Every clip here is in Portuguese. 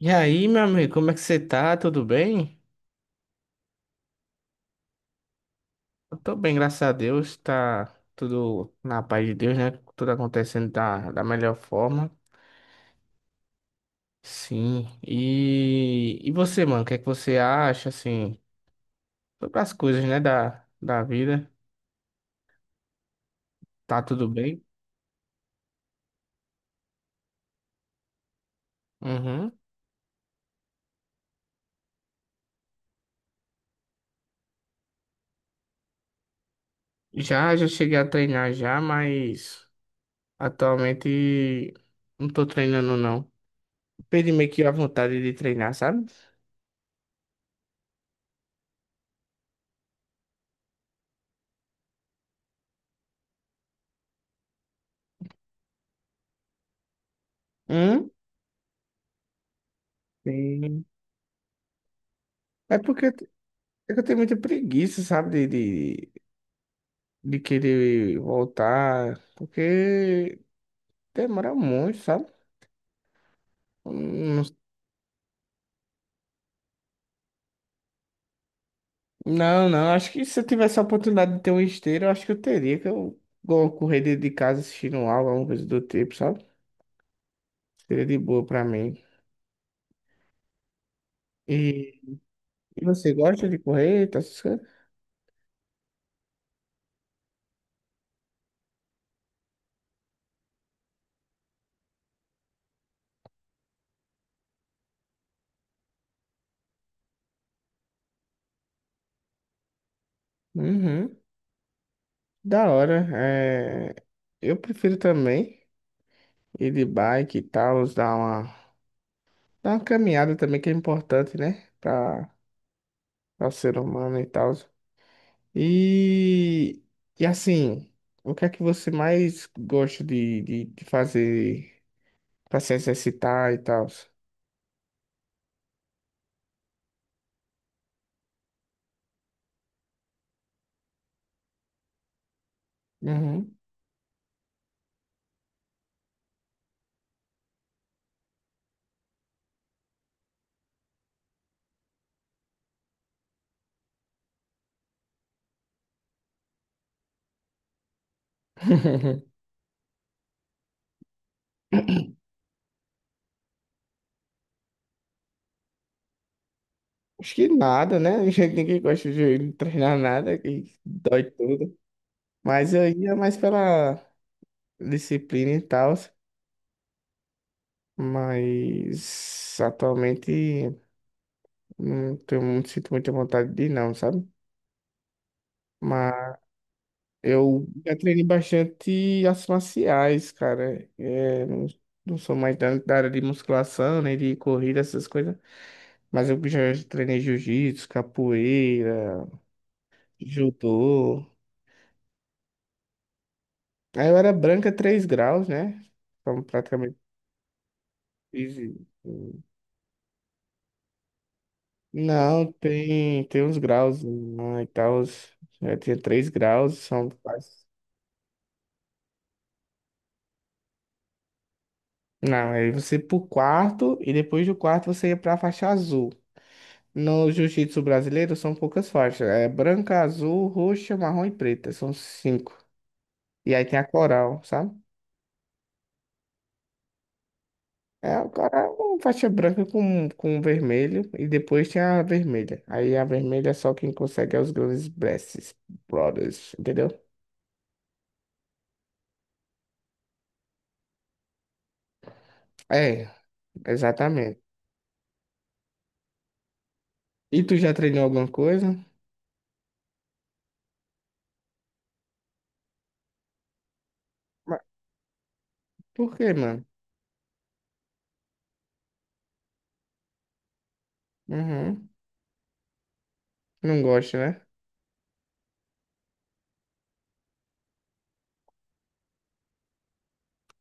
E aí, meu amigo, como é que você tá? Tudo bem? Eu tô bem, graças a Deus. Tá tudo na paz de Deus, né? Tudo acontecendo da melhor forma. Sim. E você, mano, o que é que você acha, assim, sobre as coisas, né, da vida? Tá tudo bem? Uhum. Já cheguei a treinar já, mas atualmente não tô treinando, não. Perdi meio que a vontade de treinar, sabe? Hum? Sim. É porque É que eu tenho muita preguiça, sabe, de querer voltar, porque demora muito, sabe? Não, não, não, acho que se eu tivesse a oportunidade de ter um esteiro, eu acho que eu teria, que eu vou correr dentro de casa assistindo aula, alguma coisa do tipo, sabe? Seria de boa pra mim. E, e você gosta de correr, tá essas coisas? Uhum, da hora. É, eu prefiro também ir de bike e tal, dar uma caminhada também, que é importante, né? Pra ao ser humano e tal. E, e assim, o que é que você mais gosta de, de fazer para se exercitar e tal? Uhum. Acho que nada, né? Ninguém gosta de treinar nada, que dói tudo. Mas eu ia mais pela disciplina e tal. Mas atualmente não tenho, muito sinto muita vontade de ir, não, sabe? Eu já treinei bastante artes marciais, cara. É, não, não sou mais da área de musculação, nem de corrida, essas coisas. Mas eu já treinei jiu-jitsu, capoeira, judô. Aí eu era branca 3 graus, né? Então praticamente fiz. Não, tem uns graus né, e tal. Eu tinha 3 graus, são quase. Não, aí você ia pro quarto e depois do quarto você ia pra faixa azul. No jiu-jitsu brasileiro são poucas faixas. É branca, azul, roxa, marrom e preta. São cinco. E aí tem a coral, sabe? É, o cara é uma faixa branca com vermelho e depois tem a vermelha. Aí a vermelha é só quem consegue é os grandes Blesses, Brothers, entendeu? É, exatamente. E tu já treinou alguma coisa? Mas Por quê, mano? Uhum. Não gosto, né?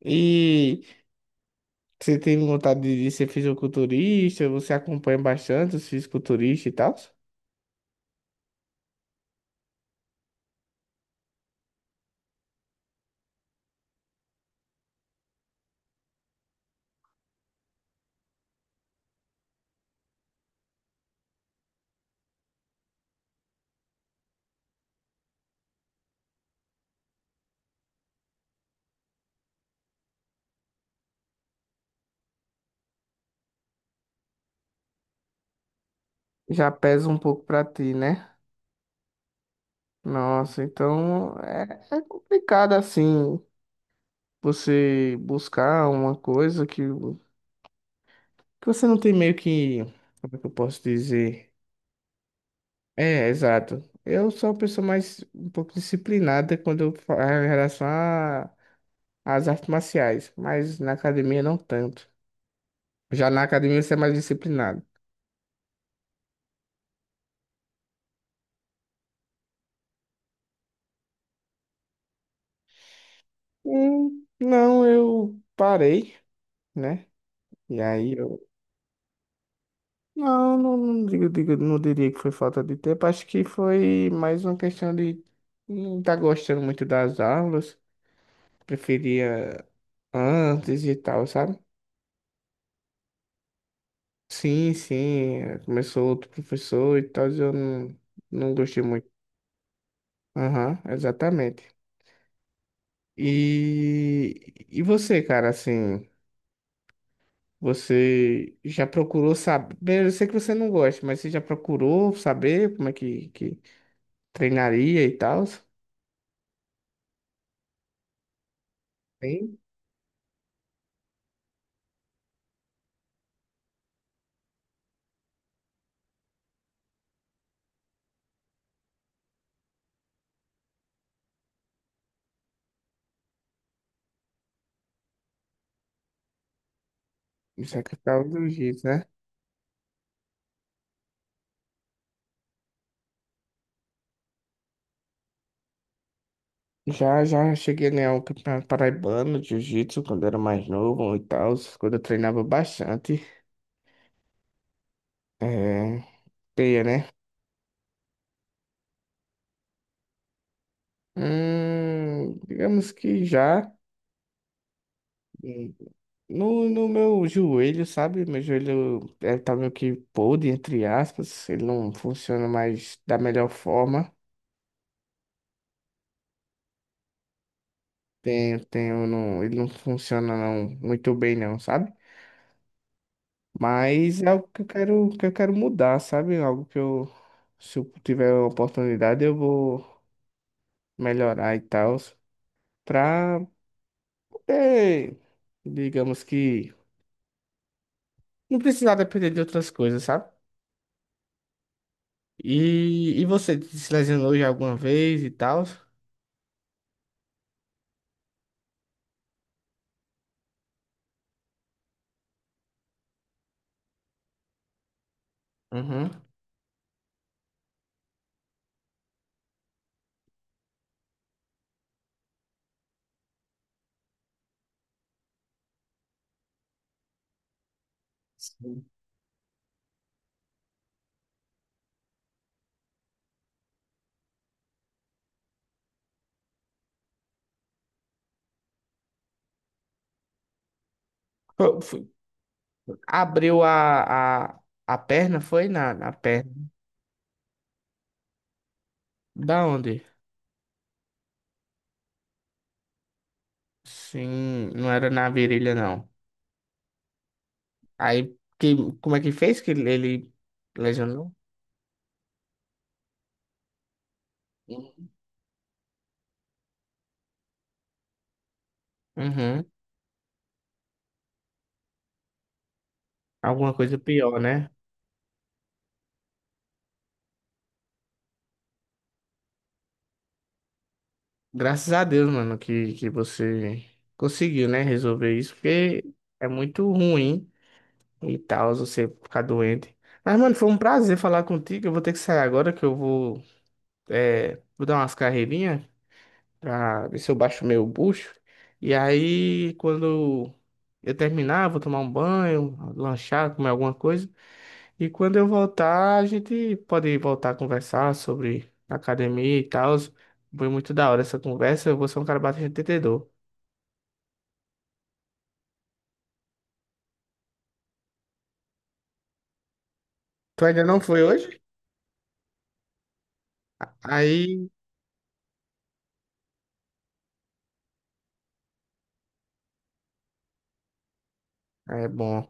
E você tem vontade de ser fisiculturista? Você acompanha bastante os fisiculturistas e tal? Já pesa um pouco pra ti, né? Nossa, então é complicado assim você buscar uma coisa que você não tem meio que. Como é que eu posso dizer? É, exato. Eu sou uma pessoa mais um pouco disciplinada quando eu falo em relação às artes marciais, mas na academia não tanto. Já na academia você é mais disciplinado. Não, eu parei, né? E aí eu. Não, não, não, digo, não diria que foi falta de tempo. Acho que foi mais uma questão de não estar gostando muito das aulas. Preferia antes e tal, sabe? Sim, sim. Começou outro professor e tal, e eu não gostei muito. Aham, exatamente. E você, cara, assim, você já procurou saber? Eu sei que você não gosta, mas você já procurou saber como é que treinaria e tal? Isso é capital do jiu-jitsu, né? Já cheguei a ganhar o campeonato paraibano de jiu-jitsu quando era mais novo e tal, quando eu treinava bastante. É, teia, né? Digamos que já. Hum, No, no meu joelho, sabe? Meu joelho tá meio que podre, entre aspas. Ele não funciona mais da melhor forma. Tenho, não, ele não funciona não, muito bem, não, sabe? Mas é algo que eu quero mudar, sabe? Algo que eu, se eu tiver a oportunidade, eu vou melhorar e tal, pra poder, digamos que, não precisar depender de outras coisas, sabe? E você se lesionou já alguma vez e tal? Uhum. Foi- foi- Abriu a perna, foi na perna. Da onde? Sim, não era na virilha, não. Aí, que, como é que fez que ele lesionou? Uhum. Alguma coisa pior, né? Graças a Deus, mano, que você conseguiu, né, resolver isso, porque é muito ruim e tal, você ficar doente. Mas, mano, foi um prazer falar contigo. Eu vou ter que sair agora, que eu vou dar umas carreirinhas pra ver se eu baixo meu bucho. E aí, quando eu terminar, eu vou tomar um banho, lanchar, comer alguma coisa. E quando eu voltar, a gente pode voltar a conversar sobre academia e tal. Foi muito da hora essa conversa. Eu vou ser um cara bastante entendedor. Tu ainda não foi hoje? Aí é bom.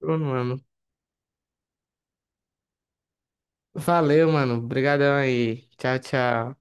Ô, mano. Valeu, mano. Obrigadão aí. Tchau, tchau.